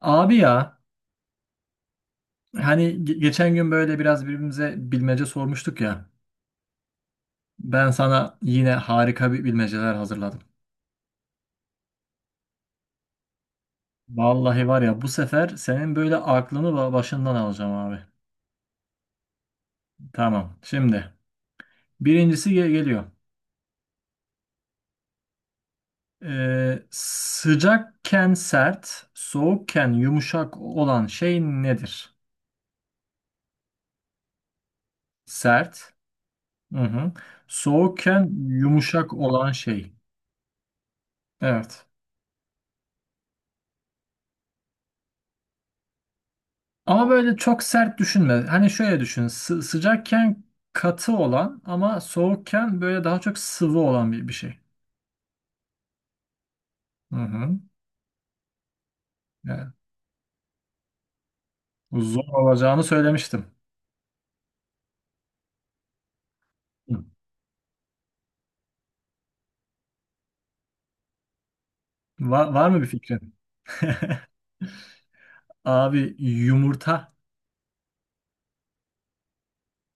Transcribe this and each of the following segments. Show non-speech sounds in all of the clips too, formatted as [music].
Abi ya, hani geçen gün böyle biraz birbirimize bilmece sormuştuk ya. Ben sana yine harika bir bilmeceler hazırladım. Vallahi var ya, bu sefer senin böyle aklını başından alacağım abi. Tamam. Şimdi birincisi geliyor. Sıcakken sert, soğukken yumuşak olan şey nedir? Sert. Hı hı. Soğukken yumuşak olan şey. Evet. Ama böyle çok sert düşünme. Hani şöyle düşün. Sıcakken katı olan ama soğukken böyle daha çok sıvı olan bir şey. Hı hı. Yani zor olacağını söylemiştim. Hı. Var mı bir fikrin? [laughs] Abi, yumurta.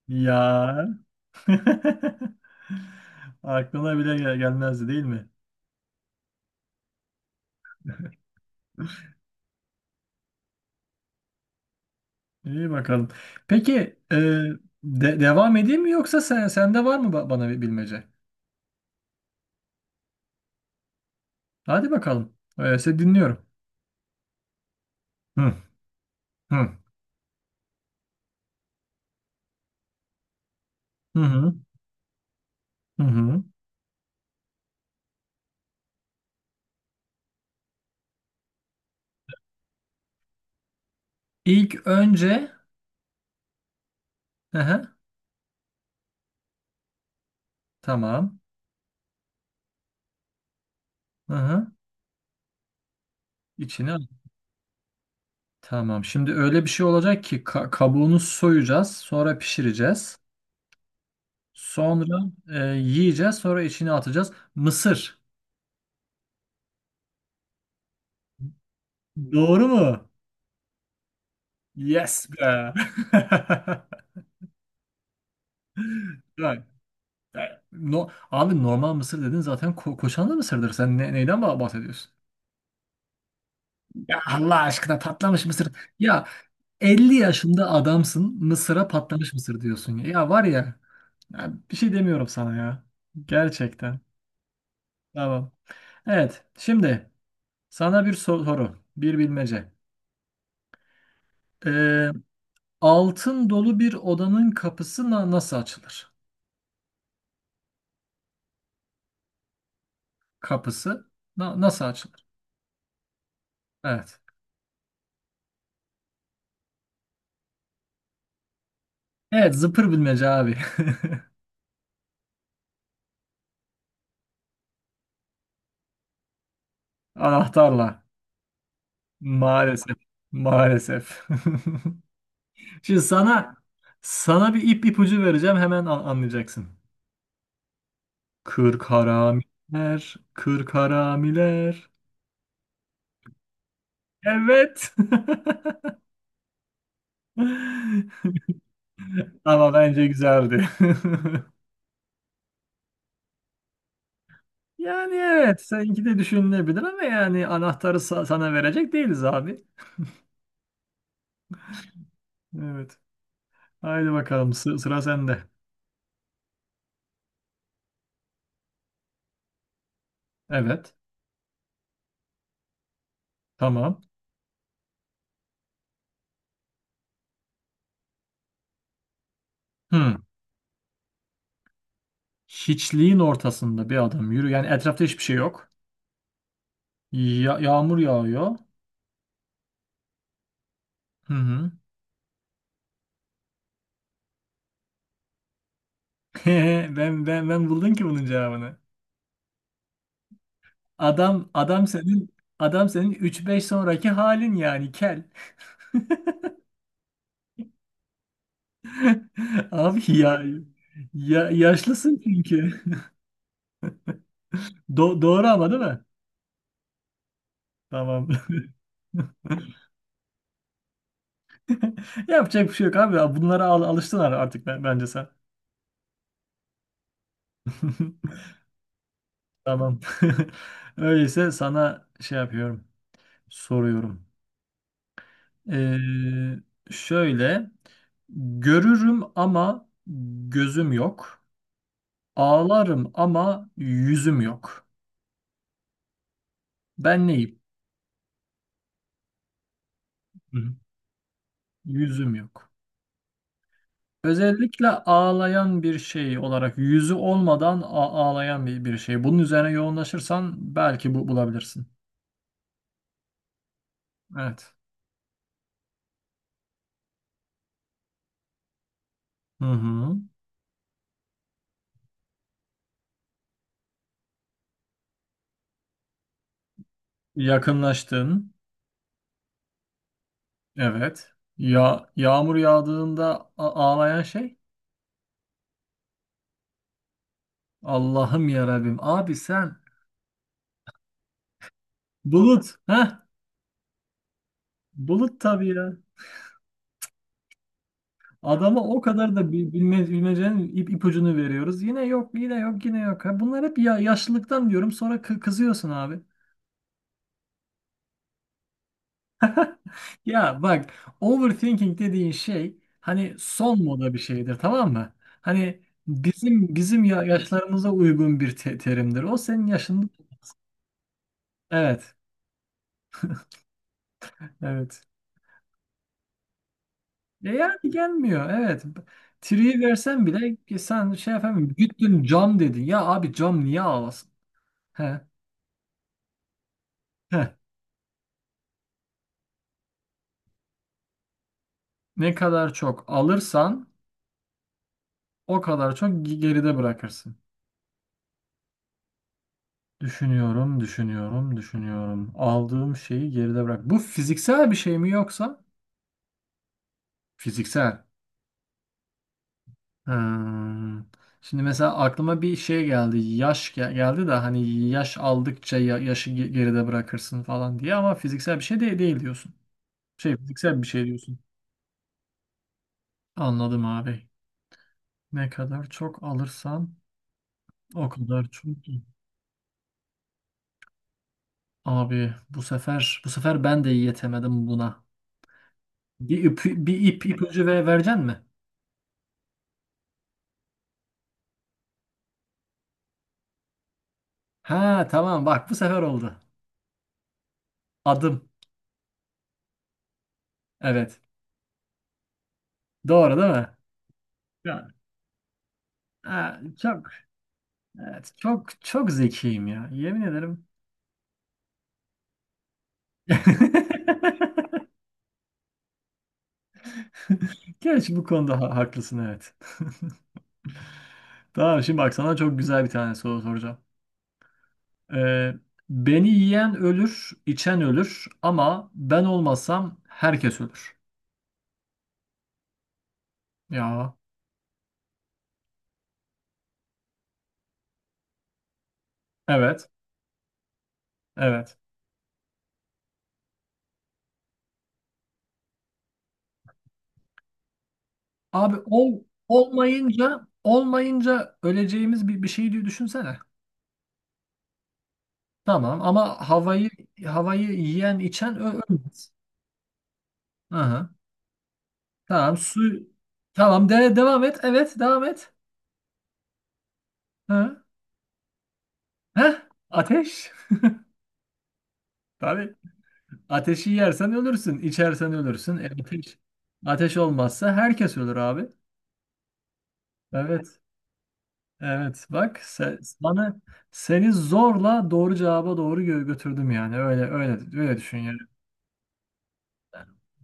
Ya. [laughs] Aklına bile gelmezdi değil mi? İyi bakalım. Peki e, devam edeyim mi, yoksa sende var mı bana bir bilmece? Hadi bakalım. Öyleyse dinliyorum. Hı hı. Hı hı. Hı hı. İlk önce, hı hı, tamam. Hı hı. İçine al. Tamam. Şimdi öyle bir şey olacak ki kabuğunu soyacağız, sonra pişireceğiz. Sonra yiyeceğiz, sonra içine atacağız. Mısır. Doğru mu? Yes be. [laughs] Bak, e, no, abi normal mısır dedin, zaten koşanlı mısırdır. Sen neyden bahsediyorsun? Ya Allah aşkına, patlamış mısır. Ya, 50 yaşında adamsın, mısıra patlamış mısır diyorsun. Ya, var ya. Ya, bir şey demiyorum sana ya. Gerçekten. Tamam. Evet. Şimdi sana bir soru. Bir bilmece. Ee, altın dolu bir odanın kapısı nasıl açılır? Kapısı nasıl açılır? Evet. Evet. Zıpır bilmece abi. [laughs] Anahtarla. Maalesef. Maalesef. [laughs] Şimdi sana bir ipucu vereceğim. Hemen anlayacaksın. Kırk haramiler. Kırk haramiler. Evet. [laughs] Ama bence güzeldi. [laughs] Yani evet, seninki de düşünülebilir ama yani anahtarı sana verecek değiliz abi. Evet. Haydi bakalım, sıra sende. Evet. Tamam. Hmm. Hiçliğin ortasında bir adam yürü. Yani etrafta hiçbir şey yok. Yağmur yağıyor. Hı hı. [laughs] Ben buldum ki bunun cevabını. Adam adam senin adam senin üç beş sonraki halin, yani kel. [laughs] Abi ya, ya yaşlısın çünkü. Doğru ama, değil mi? Tamam. [laughs] Yapacak bir şey yok abi. Bunlara alıştın artık bence sen. [laughs] Tamam. [laughs] Öyleyse sana şey yapıyorum. Soruyorum. Ee, şöyle. Görürüm ama gözüm yok. Ağlarım ama yüzüm yok. Ben neyim? Hı hı. Yüzüm yok. Özellikle ağlayan bir şey olarak, yüzü olmadan ağlayan bir şey. Bunun üzerine yoğunlaşırsan belki bu bulabilirsin. Evet. Hı hı. Yakınlaştın. Evet. Ya yağmur yağdığında ağlayan şey? Allah'ım ya Rabbim. Abi sen, bulut. Heh. Bulut tabii ya. Adama o kadar da bilmecenin ipucunu veriyoruz. Yine yok, yine yok, yine yok. Ha, bunlar hep ya, yaşlılıktan diyorum. Sonra kızıyorsun abi. Ya bak, overthinking dediğin şey hani son moda bir şeydir, tamam mı? Hani bizim yaşlarımıza uygun bir terimdir. O senin yaşında evet, evet. Yani gelmiyor evet. Tri'yi versen bile ki sen şey yapamıyorsun. Gittin cam dedin. Ya abi, cam niye alasın? He, he. Ne kadar çok alırsan o kadar çok geride bırakırsın. Düşünüyorum, düşünüyorum, düşünüyorum. Aldığım şeyi geride bırak. Bu fiziksel bir şey mi yoksa? Fiziksel. Hmm. Şimdi mesela aklıma bir şey geldi. Yaş geldi de hani yaş aldıkça yaşı geride bırakırsın falan diye, ama fiziksel bir şey de değil diyorsun. Şey fiziksel bir şey diyorsun. Anladım abi. Ne kadar çok alırsan o kadar çok. İyi. Abi bu sefer ben de yetemedim buna. Bir ipucu vereceksin mi? Ha tamam, bak bu sefer oldu. Adım. Evet. Doğru değil mi? Ya. Ha, çok. Evet, çok çok zekiyim ya. Yemin ederim. [laughs] Gerçi bu konuda haklısın evet. [laughs] Tamam, şimdi bak sana çok güzel bir tane soru soracağım. Ee, beni yiyen ölür, içen ölür, ama ben olmasam herkes ölür. Ya evet, evet. Abi ol, olmayınca olmayınca öleceğimiz bir şey diye düşünsene. Tamam ama havayı yiyen içen ölmez. Aha. Tamam, su. Tamam, devam et. Evet, devam et. Ha. Heh, ateş. [laughs] Tabii. Ateşi yersen ölürsün. İçersen ölürsün. E, ateş. Ateş olmazsa herkes ölür abi. Evet. Evet. Bak, se- sana seni zorla doğru cevaba doğru götürdüm yani. Öyle öyle öyle düşün yani.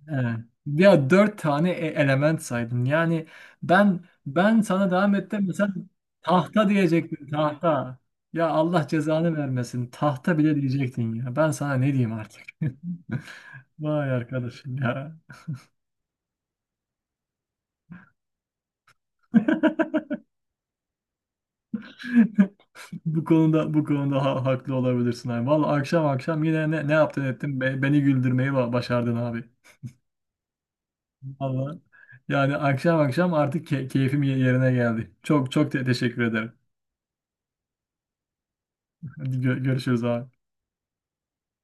Evet. Ya, dört tane element saydın. Yani ben ben sana devam ettim. Mesela tahta diyecektin, tahta. Ya Allah cezanı vermesin. Tahta bile diyecektin ya. Ben sana ne diyeyim artık? [laughs] Vay arkadaşım ya. [laughs] Bu konuda haklı olabilirsin abi. Vallahi akşam akşam yine ne yaptın ettin? Beni güldürmeyi başardın abi. Vallahi yani akşam akşam artık keyfim yerine geldi. Çok çok teşekkür ederim. Hadi görüşürüz abi.